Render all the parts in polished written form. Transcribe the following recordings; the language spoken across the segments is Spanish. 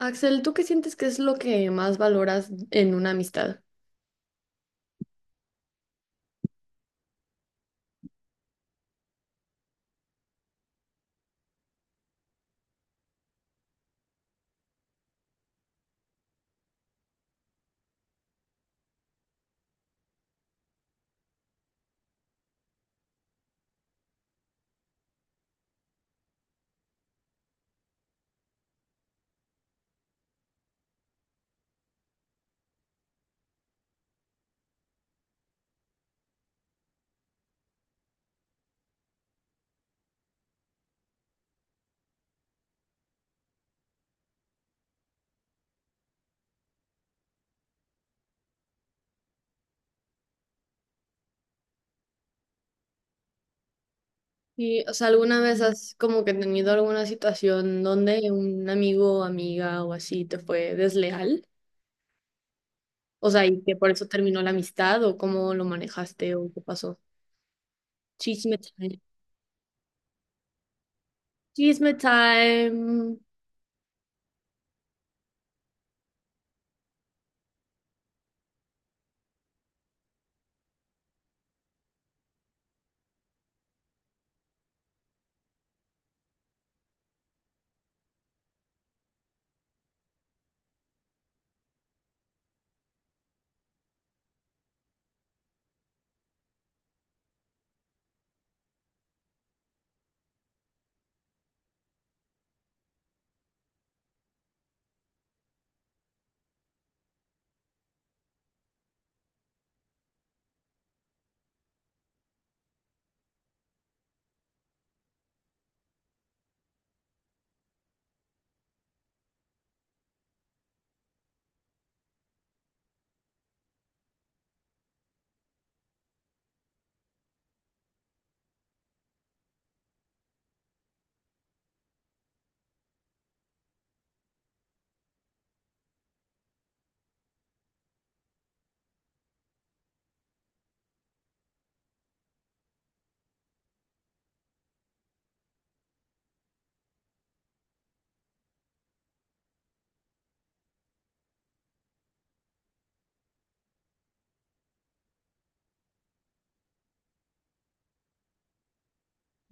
Axel, ¿tú qué sientes que es lo que más valoras en una amistad? Y, o sea, ¿alguna vez has como que tenido alguna situación donde un amigo, amiga o así te fue desleal? O sea, y que por eso terminó la amistad o cómo lo manejaste o qué pasó. Chisme time. Chisme time.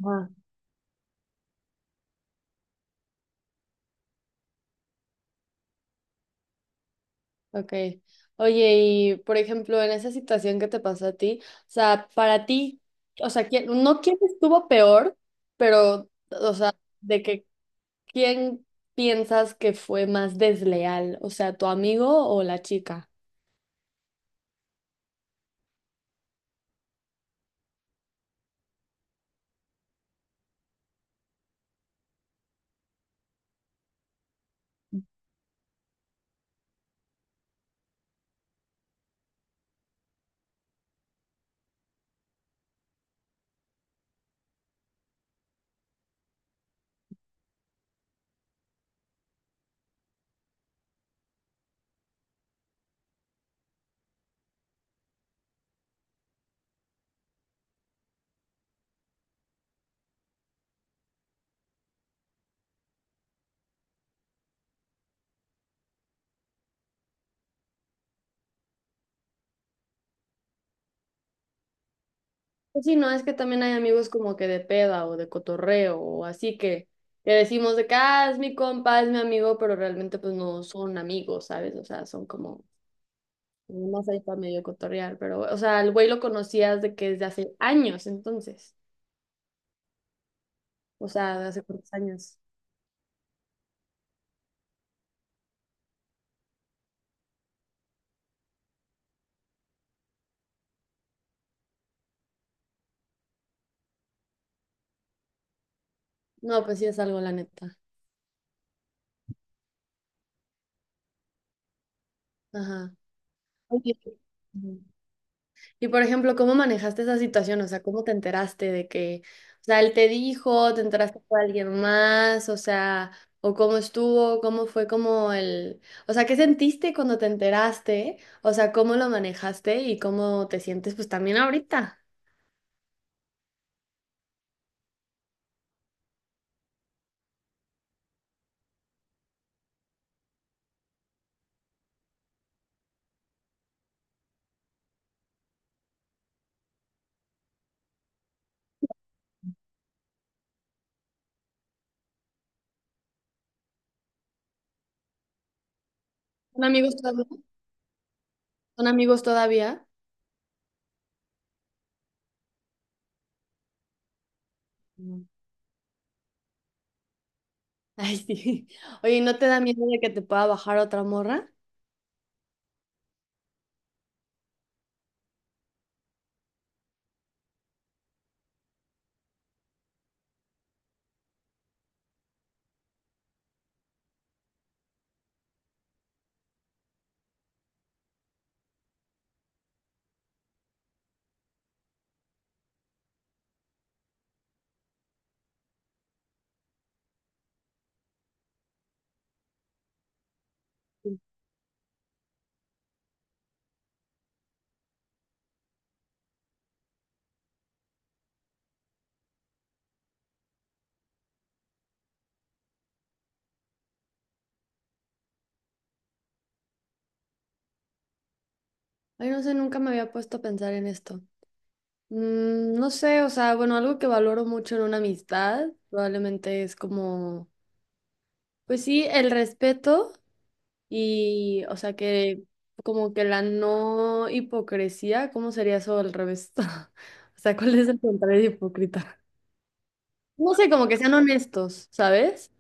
Ah. Ok. Oye, y por ejemplo, en esa situación que te pasó a ti, o sea, para ti, o sea, ¿quién, no quién estuvo peor, pero, o sea, de que quién piensas que fue más desleal, o sea, tu amigo o la chica? Pues sí, no, es que también hay amigos como que de peda o de cotorreo o así que decimos de que, ah, es mi compa, es mi amigo, pero realmente pues no son amigos, ¿sabes? O sea, son como más ahí para medio cotorrear, pero, o sea, el güey lo conocías de que desde hace años, entonces. O sea, de hace cuántos años. No, pues sí es algo, la neta. Ajá. Oye, ujú. Y por ejemplo, ¿cómo manejaste esa situación? O sea, ¿cómo te enteraste de que, o sea, él te dijo, te enteraste por alguien más, o sea, o cómo estuvo, cómo fue como el, o sea, ¿qué sentiste cuando te enteraste? O sea, ¿cómo lo manejaste y cómo te sientes pues también ahorita? ¿Son amigos todavía? ¿Son amigos todavía? Ay, sí. Oye, ¿no te da miedo de que te pueda bajar otra morra? Ay, no sé, nunca me había puesto a pensar en esto. Mm, no sé, o sea, bueno, algo que valoro mucho en una amistad probablemente es como, pues sí, el respeto y, o sea, que como que la no hipocresía, ¿cómo sería eso al revés? O sea, ¿cuál es el contrario de hipócrita? No sé, como que sean honestos, ¿sabes?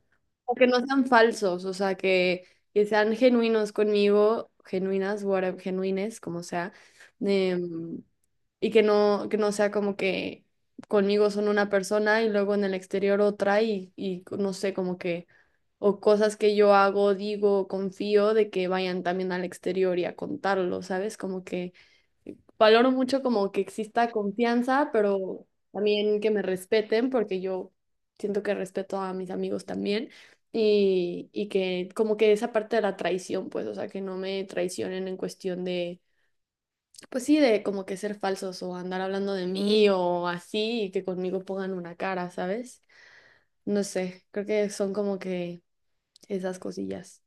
O que no sean falsos, o sea, que sean genuinos conmigo, genuinas, whatever, genuines, como sea, em, y que no sea como que conmigo son una persona y luego en el exterior otra y no sé, como que, o cosas que yo hago, digo, confío de que vayan también al exterior y a contarlo, ¿sabes? Como que valoro mucho como que exista confianza, pero también que me respeten, porque yo siento que respeto a mis amigos también. Y que como que esa parte de la traición, pues, o sea, que no me traicionen en cuestión de, pues sí, de como que ser falsos o andar hablando de mí o así, y que conmigo pongan una cara, ¿sabes? No sé, creo que son como que esas cosillas.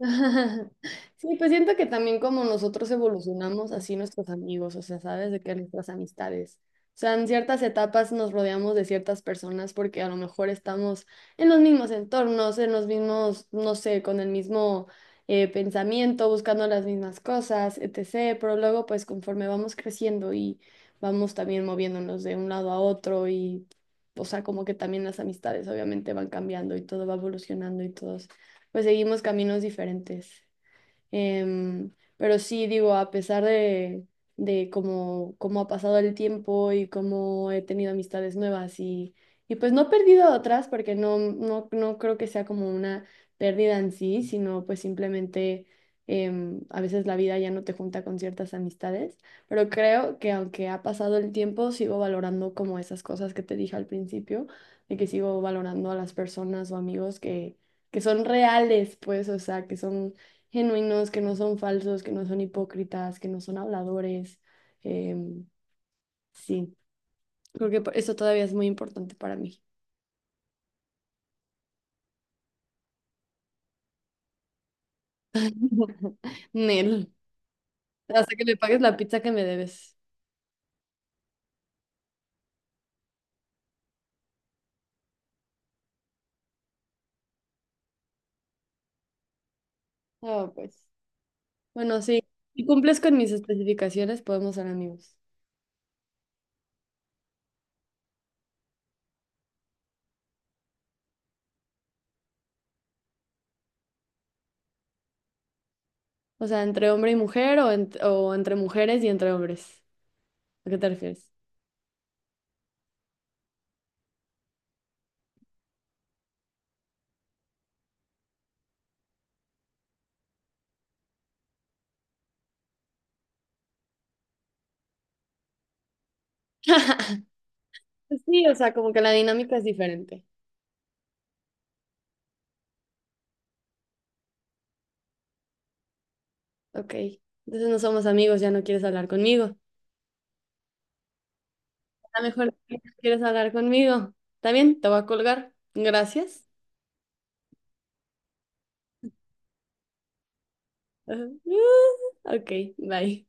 Sí, pues siento que también como nosotros evolucionamos, así nuestros amigos, o sea, ¿sabes? De que nuestras amistades. O sea, en ciertas etapas nos rodeamos de ciertas personas porque a lo mejor estamos en los mismos entornos, en los mismos, no sé, con el mismo pensamiento, buscando las mismas cosas, etc. Pero luego, pues conforme vamos creciendo y vamos también moviéndonos de un lado a otro y, o sea, como que también las amistades obviamente van cambiando y todo va evolucionando y todo pues seguimos caminos diferentes. Em, pero sí, digo, a pesar de cómo, cómo ha pasado el tiempo y cómo he tenido amistades nuevas y pues no he perdido a otras porque no creo que sea como una pérdida en sí, sino pues simplemente a veces la vida ya no te junta con ciertas amistades, pero creo que aunque ha pasado el tiempo, sigo valorando como esas cosas que te dije al principio, de que sigo valorando a las personas o amigos que son reales, pues, o sea, que son genuinos, que no son falsos, que no son hipócritas, que no son habladores. Em, sí, creo que eso todavía es muy importante para mí. Nel, hasta que me pagues la pizza que me debes. Ah, pues. Bueno, sí. Si cumples con mis especificaciones, podemos ser amigos. O sea, entre hombre y mujer o, o entre mujeres y entre hombres. ¿A qué te refieres? Pues sí, o sea, como que la dinámica es diferente. Ok, entonces no somos amigos, ya no quieres hablar conmigo. A lo mejor quieres hablar conmigo. ¿Está bien? Te voy a colgar. Gracias. Ajá. Ah, ok, bye.